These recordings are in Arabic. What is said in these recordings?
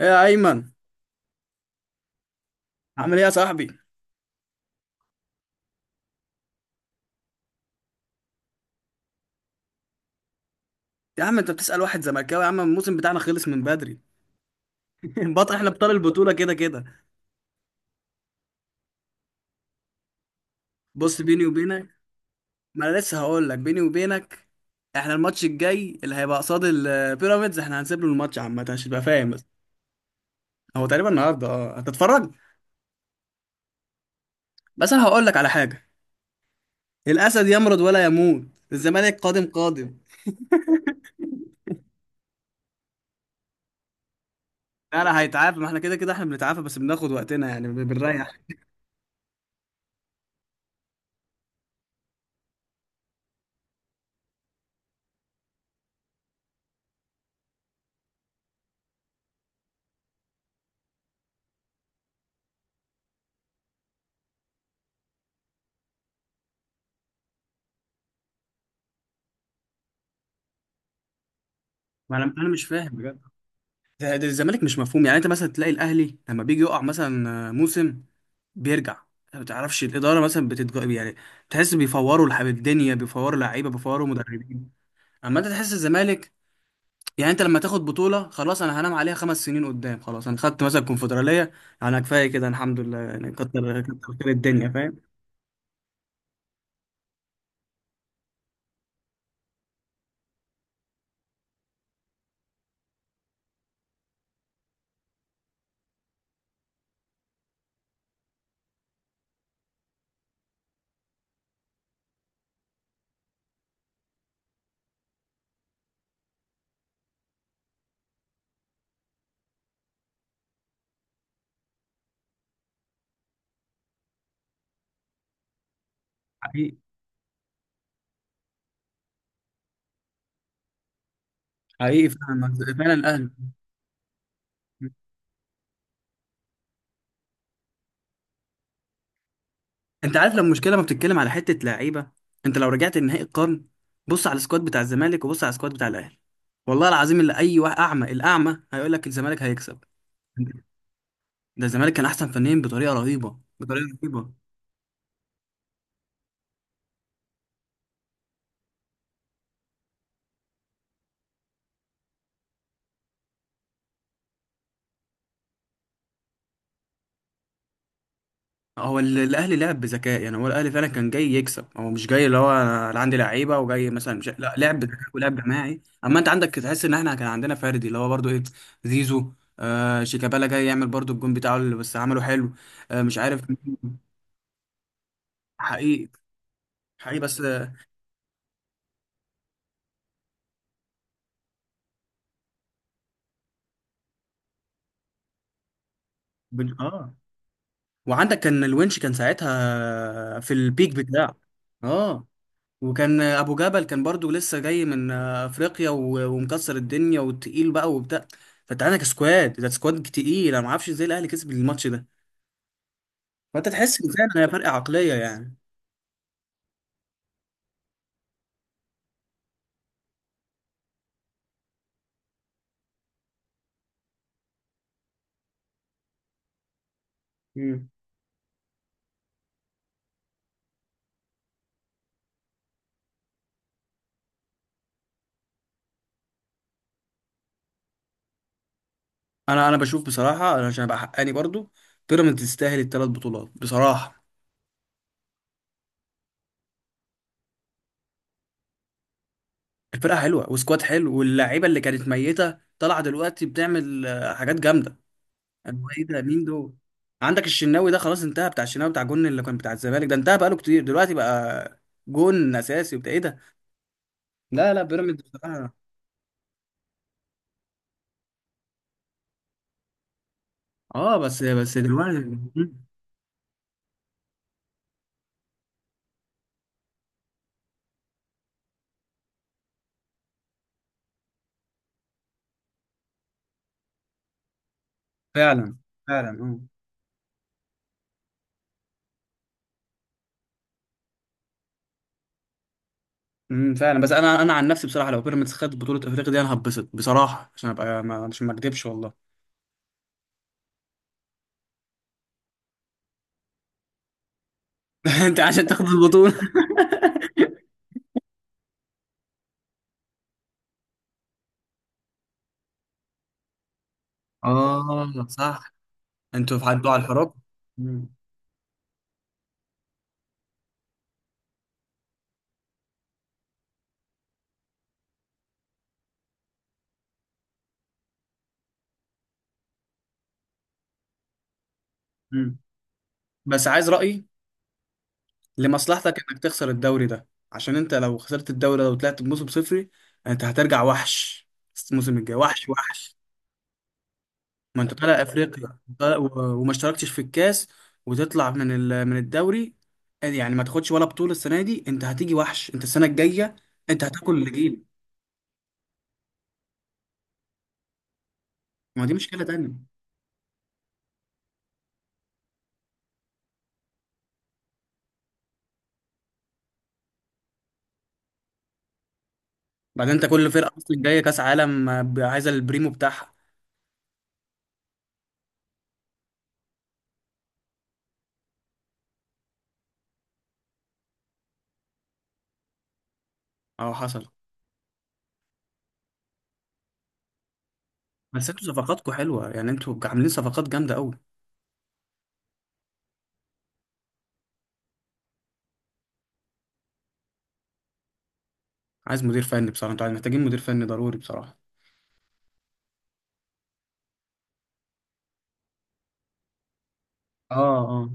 ايه يا ايمن. عامل ايه يا صاحبي؟ يا عم انت بتسأل واحد زملكاوي، يا عم الموسم بتاعنا خلص من بدري. احنا ابطال البطولة كده كده. بص بيني وبينك، ما انا لسه هقول لك بيني وبينك. احنا الماتش الجاي اللي هيبقى قصاد البيراميدز احنا هنسيب له الماتش عامة عشان تبقى فاهم بس. هو تقريبا النهارده، اه، هتتفرج؟ بس انا هقول لك على حاجة. الاسد يمرض ولا يموت. الزمالك قادم قادم. لا لا، هيتعافى، ما احنا كده كده احنا بنتعافى بس بناخد وقتنا يعني بنريح. ما انا مش فاهم بجد. ده الزمالك مش مفهوم، يعني انت مثلا تلاقي الاهلي لما بيجي يقع مثلا موسم بيرجع. ما تعرفش الاداره مثلا يعني تحس بيفوروا الحب، الدنيا بيفوروا لعيبه بيفوروا مدربين. اما انت تحس الزمالك، يعني انت لما تاخد بطوله خلاص انا هنام عليها 5 سنين قدام، خلاص انا خدت مثلا كونفدراليه، انا كفايه كده الحمد لله، يعني كتر كتر خير الدنيا فاهم. حقيقي حقيقي، فعلا فعلا الاهلي. انت عارف لو المشكله ما بتتكلم على حته لعيبه، انت لو رجعت لنهائي القرن بص على السكواد بتاع الزمالك وبص على السكواد بتاع الاهلي، والله العظيم اللي اي واحد اعمى الاعمى هيقول لك الزمالك هيكسب. ده الزمالك كان احسن فنيا بطريقه رهيبه بطريقه رهيبه. هو الاهلي لعب بذكاء، يعني هو الاهلي فعلا كان جاي يكسب، هو مش جاي اللي هو انا عندي لعيبه وجاي مثلا مش... لا لعب بذكاء ولعب جماعي. اما انت عندك تحس ان احنا كان عندنا فردي اللي هو برضو ايه، زيزو. آه شيكابالا جاي يعمل برضو الجون بتاعه اللي بس عمله حلو. آه مش عارف مين. حقيقي حقيقي بس. اه، وعندك كان الونش كان ساعتها في البيك بتاعه. اه. وكان ابو جبل كان برضو لسه جاي من افريقيا ومكسر الدنيا وتقيل بقى وبتاع. فانت عندك سكواد، ده سكواد تقيل، انا ما اعرفش ازاي الاهلي كسب الماتش ده. فانت تحس ان فعلا هي فرق عقليه يعني. مم. انا بشوف بصراحه، انا عشان ابقى حقاني برضو بيراميدز تستاهل 3 بطولات بصراحه. الفرقه حلوه وسكواد حلو، واللعيبه اللي كانت ميته طالعه دلوقتي بتعمل حاجات جامده. أبو ايه ده، مين دول؟ عندك الشناوي ده خلاص انتهى، بتاع الشناوي بتاع جون اللي كان بتاع الزمالك ده انتهى بقاله كتير دلوقتي بقى. جون اساسي وبتاع ايه ده. لا لا، بيراميدز بصراحة. اه، بس دلوقتي. مم. فعلا فعلا اه. فعلا. بس انا عن نفسي بصراحه، لو بيراميدز خدت بطوله افريقيا دي انا هتبسط بصراحه عشان ابقى عشان ما اكدبش والله. انت عشان تاخد البطوله. اه صح. انتوا في حد على الحراك. مم. مم. بس عايز رايي، لمصلحتك انك تخسر الدوري ده، عشان انت لو خسرت الدوري ده وطلعت بموسم صفري انت هترجع وحش الموسم الجاي، وحش وحش. ما انت طالع افريقيا، وما اشتركتش في الكاس وتطلع من من الدوري، يعني ما تاخدش ولا بطولة السنة دي، انت هتيجي وحش انت السنة الجاية، انت هتاكل اللي جيل. ما دي مشكلة تانية. بعدين انت كل فرقة اصلا جاية كاس عالم، عايزة البريمو بتاعها. اهو حصل. بس انتوا صفقاتكم حلوة، يعني انتوا عاملين صفقات جامدة قوي. عايز مدير فني بصراحة، انتوا محتاجين مدير فني ضروري بصراحة. اه، اه،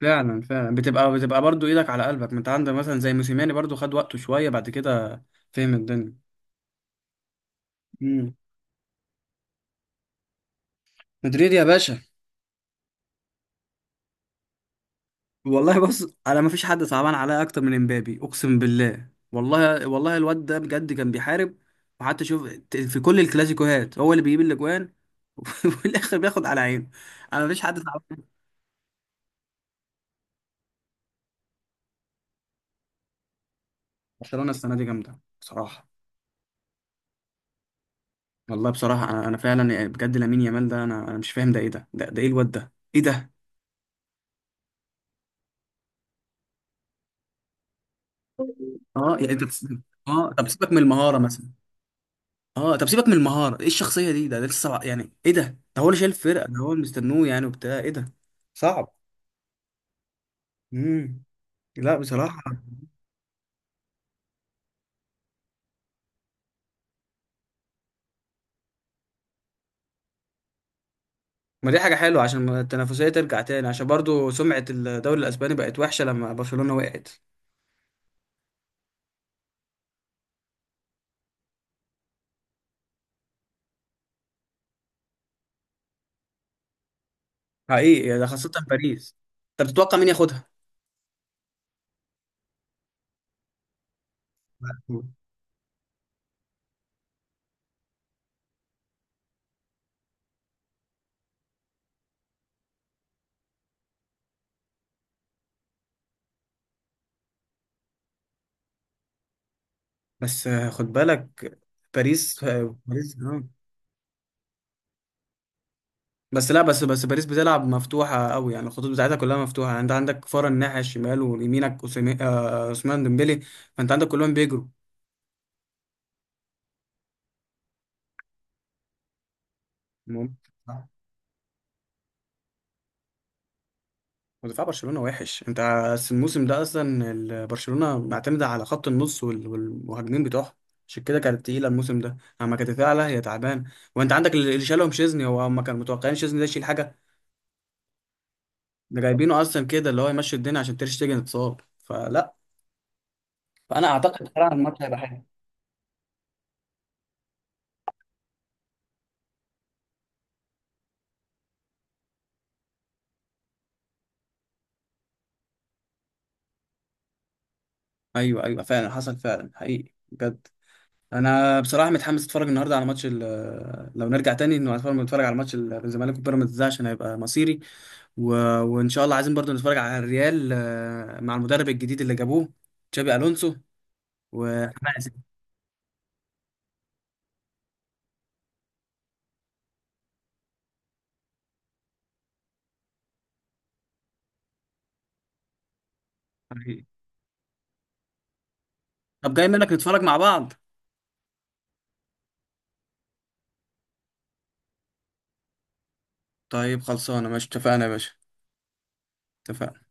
فعلا فعلا. بتبقى برضو ايدك على قلبك، ما انت عندك مثلا زي موسيماني برضو خد وقته شويه بعد كده، فهم الدنيا. امم مدريد يا باشا. والله بص، انا ما فيش حد صعبان عليا اكتر من امبابي، اقسم بالله والله والله الواد ده بجد كان بيحارب، وحتى شوف في كل الكلاسيكوهات هو اللي بيجيب الاجوان. وفي الاخر بياخد على عينه. انا ما فيش حد صعبان عليا. برشلونه السنه دي جامده بصراحه. والله بصراحه انا فعلا بجد لامين يامال ده، انا مش فاهم، ده ايه ده، ده ايه الواد ده، ايه ده. اه، يعني انت اه طب سيبك من المهاره مثلا. اه طب سيبك من المهاره، ايه الشخصيه دي، ده لسه صعب. يعني ايه ده، ده هو اللي شايل الفرقه، ده هو اللي مستنوه يعني وبتاع ايه ده. صعب. امم لا بصراحه. ما دي حاجه حلوه عشان ما التنافسيه ترجع تاني، عشان برضو سمعه الدوري الاسباني بقت وحشه لما برشلونه وقعت. حقيقي، يعني ده خاصه باريس. طب تتوقع مين ياخدها؟ بس خد بالك، باريس باريس بس لا بس باريس بتلعب مفتوحة قوي، يعني الخطوط بتاعتها كلها مفتوحة، يعني انت عندك كفارة الناحية الشمال ويمينك عثمان ديمبلي. فانت عندك كلهم بيجروا. المهم، ودفاع برشلونة وحش، انت الموسم ده اصلا برشلونة معتمدة على خط النص والمهاجمين بتوعها. عشان كده كانت تقيلة الموسم ده، اما كانت تعلى هي تعبان. وانت عندك اللي شالهم شيزني، هو هم كانوا متوقعين شيزني ده يشيل حاجة، ده جايبينه اصلا كده اللي هو يمشي الدنيا عشان تير شتيجن اتصاب فلا. فانا اعتقد فعلا الماتش هيبقى حلو. ايوه ايوه، فعلا حصل، فعلا حقيقي بجد. انا بصراحه متحمس اتفرج النهارده على ماتش لو نرجع تاني انه هنتفرج على ماتش الزمالك وبيراميدز ده عشان هيبقى مصيري. و... وان شاء الله عايزين برضو نتفرج على الريال، مع المدرب الجديد اللي جابوه، تشابي الونسو. وحماس. حقيقي. طب جاي منك نتفرج مع بعض. طيب خلصانه ماشي، اتفقنا يا باشا. اتفقنا.